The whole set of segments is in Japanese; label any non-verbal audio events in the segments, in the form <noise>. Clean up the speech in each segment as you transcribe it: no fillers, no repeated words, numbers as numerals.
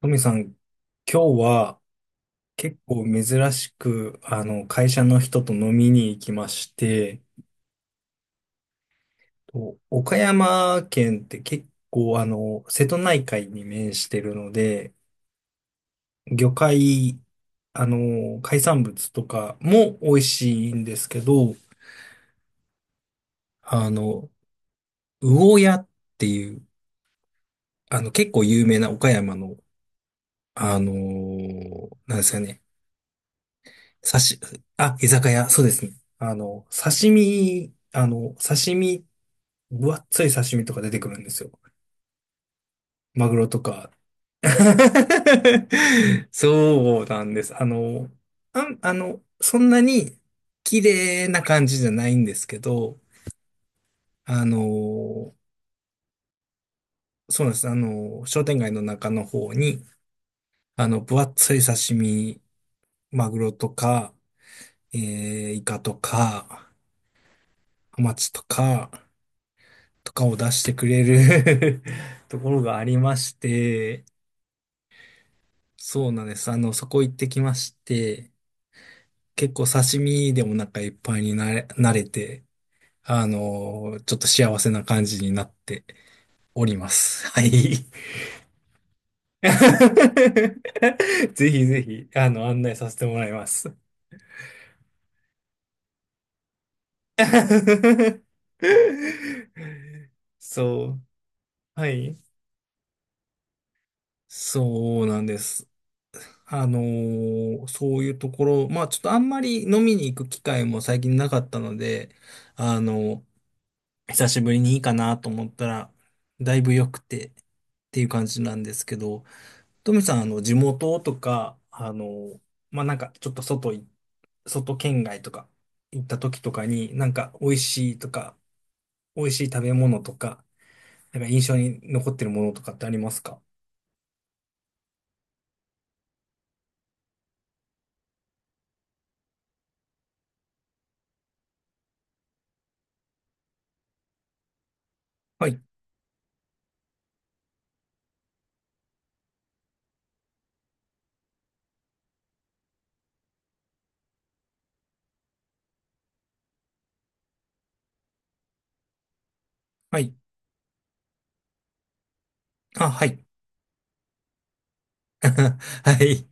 トミさん、今日は結構珍しく、会社の人と飲みに行きまして、と岡山県って結構、瀬戸内海に面してるので、魚介、海産物とかも美味しいんですけど、あの、魚屋っていう、結構有名な岡山の、あの、なんですかね、刺し、あ、居酒屋、そうですね。刺身、分厚い刺身とか出てくるんですよ。マグロとか。<laughs> そうなんです。そんなに綺麗な感じじゃないんですけど、あの、そうなんです。商店街の中の方に、分厚い刺身、マグロとか、イカとか、ハマチとか、とかを出してくれる <laughs> ところがありまして、そうなんです。そこ行ってきまして、結構刺身でお腹いっぱいになれて、ちょっと幸せな感じになっております。はい。<laughs> ぜひぜひ、案内させてもらいます。<laughs> そう。はい。そうなんです。そういうところ、まあちょっとあんまり飲みに行く機会も最近なかったので、あの久しぶりにいいかなと思ったら、だいぶ良くてっていう感じなんですけど、トミさん、地元とか、まあなんかちょっと外県外とか行った時とかに、なんか美味しいとか、美味しい食べ物とか、なんか印象に残ってるものとかってありますか？はい、はい、あ、はい、<laughs> はい、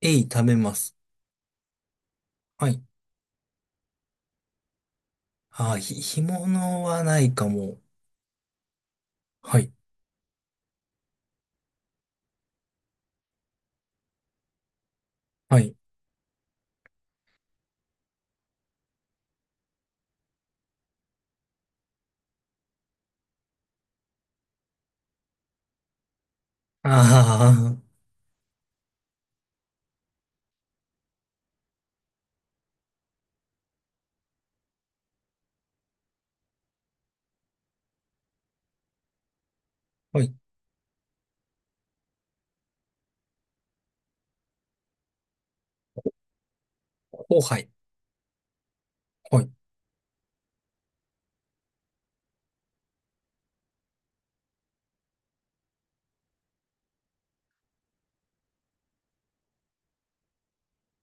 えい、食べます。はい。ああ、ひ、干物はないかも。はい。はい。ああ、<laughs> はい。後輩。はい。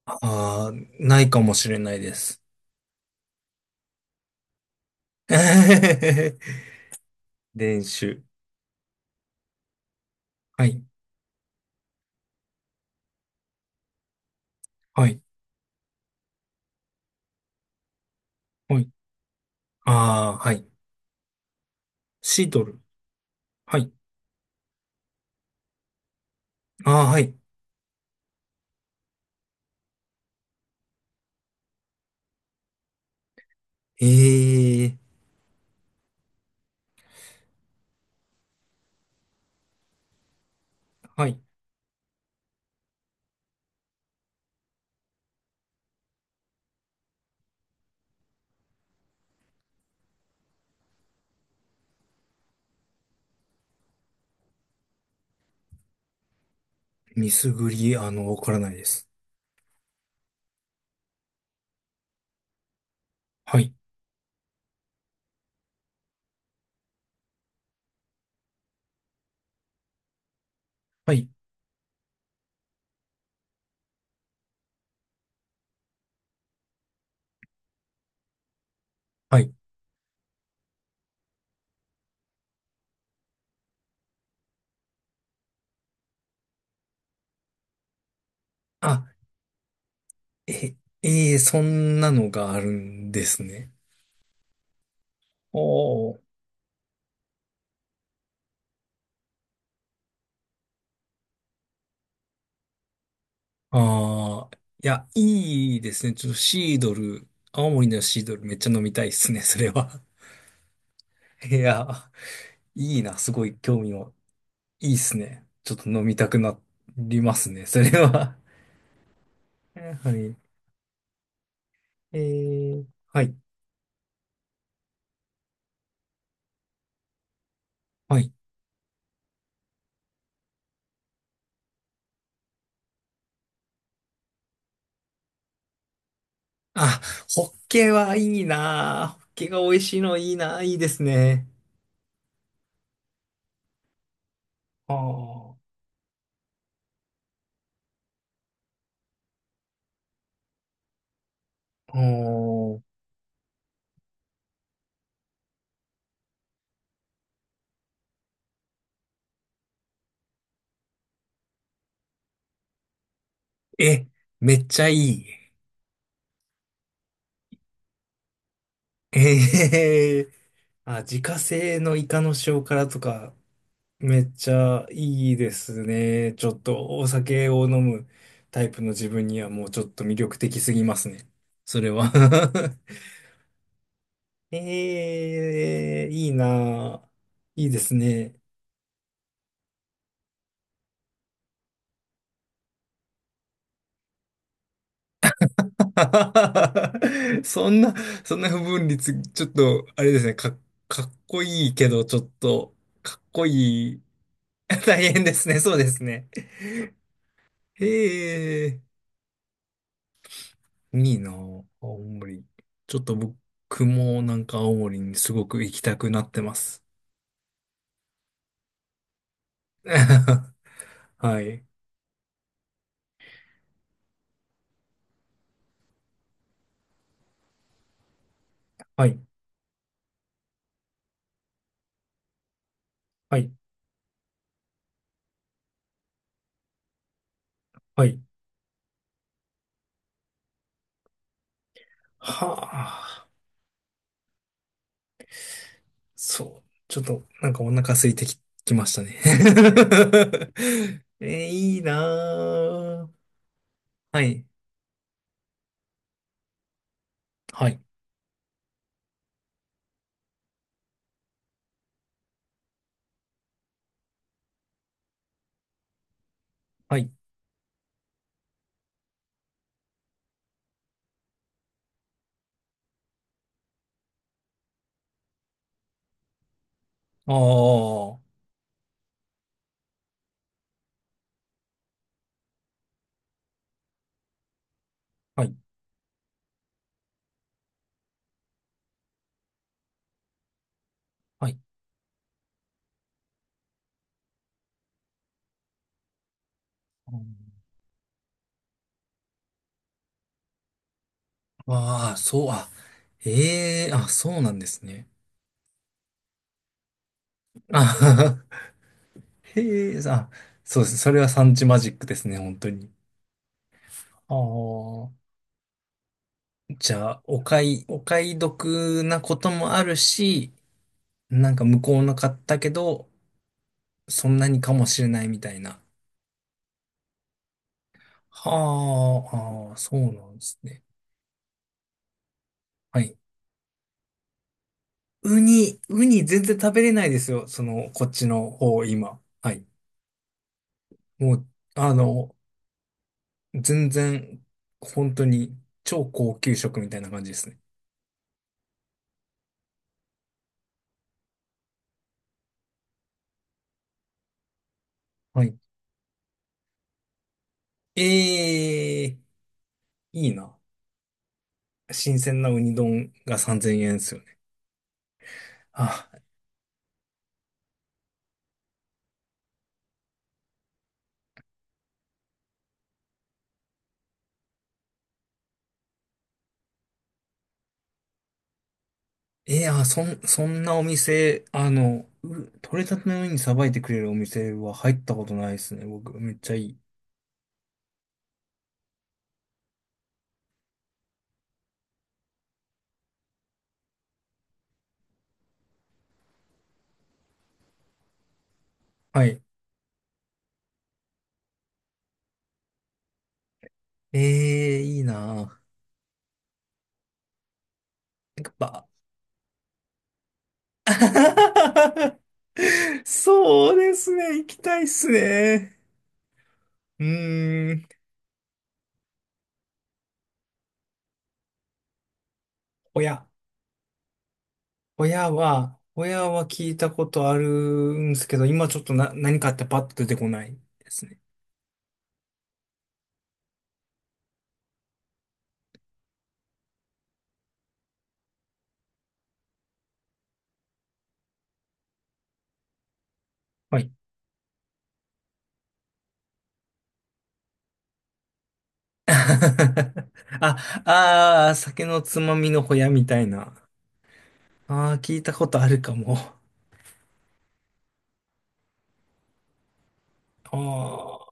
ああ、ないかもしれないです。<laughs> 練習。はい。はい。はい。ああ、はい。シートル。はい。ああ、はい。ええ、はい。ミスグリ、わからないです。はい。はい。はい。あ、え、ええ、そんなのがあるんですね。おー。ああ、いや、いいですね。ちょっとシードル、青森のシードルめっちゃ飲みたいですね、それは。<laughs> いや、いいな、すごい興味を。いいっすね。ちょっと飲みたくなりますね、それは。<laughs> はい。えー、はい。はい。あ、ホッケはいいな。ホッケが美味しいのいいな。いいですね。ああ。おー。え、めっちゃいい。ええ。あ、自家製のイカの塩辛とか、めっちゃいいですね。ちょっとお酒を飲むタイプの自分にはもうちょっと魅力的すぎますね。それは <laughs> ええ、いいなあ、いいですね。<laughs> そんな、そんな不分率、ちょっと、あれですね、かっこいいけど、ちょっと、かっこいい。<laughs> 大変ですね、そうですね。へえ。いいなぁ、青森。ちょっと僕もなんか青森にすごく行きたくなってます。<laughs> はい。はい。はい。はい。はあ。そう。ちょっとなんかお腹空いてき、きましたね。<laughs> えー、いいなぁ。はい。はい。はい。ああ。はい。はい。ああ、そう、あ、ええ、あ、そうなんですね。あはは。へえ、あ、そうです。それは産地マジックですね、本当に。ああ、じゃあ、お買い得なこともあるし、なんか向こうの買ったけど、そんなにかもしれないみたいな。はあ、ああ、そうなんですね。はい。ウニ全然食べれないですよ。その、こっちの方、今。はい。もう、あの、全然、本当に、超高級食みたいな感じですね。はい。ええ、いいな。新鮮なウニ丼が3000円ですよね。あ、いや、そんなお店、取れたてのウニさばいてくれるお店は入ったことないですね。僕、めっちゃいい。はい。ええ、いいなぁ。やっぱ、<laughs> そうですね。行きたいっすね。うーん。親。親は聞いたことあるんですけど、今ちょっとな、何かってパッと出てこないですね。はい <laughs> あ、ああ、酒のつまみのホヤみたいな。ああ、聞いたことあるかも。あ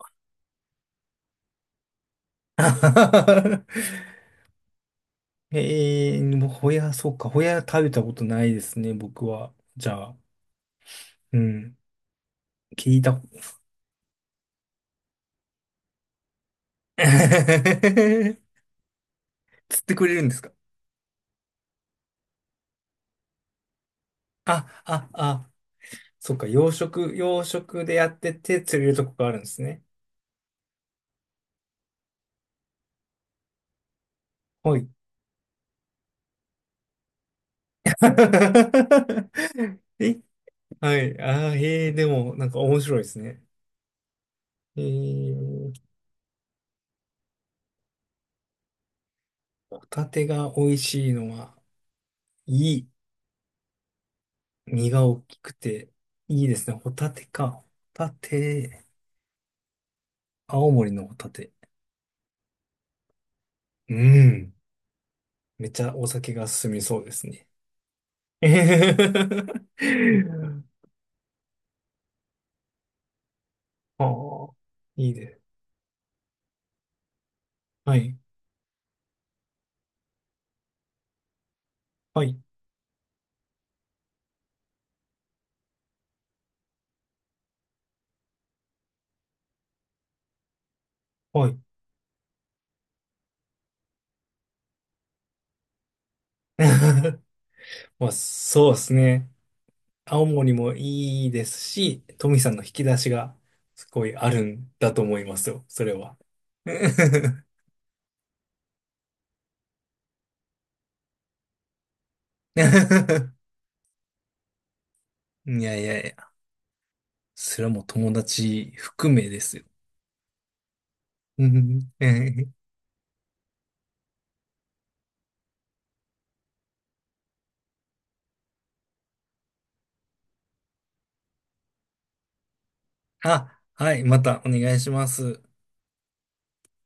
あ。<laughs> ええもうホヤ、そうか。ホヤ食べたことないですね、僕は。じゃあ、うん。聞いたこ <laughs>。釣ってくれるんですか？あ、あ、あ、そうか。養殖でやってて釣れるとこがあるんですね。はい。<laughs> え、はい。ああ、えー、でも、なんか面白いですね。えー、ホタテが美味しいのは、いい。身が大きくて、いいですね。ホタテか。ホタテ。青森のホタテ。うん。めっちゃお酒が進みそうですね。<laughs> はあ、いいね。はい。はい。はい。<laughs> まあ、そうですね。青森もいいですし、トミさんの引き出しがすごいあるんだと思いますよ。それは。<laughs> いやいやいや、それはもう友達含めですよ。うん <laughs> あ、はい、またお願いします。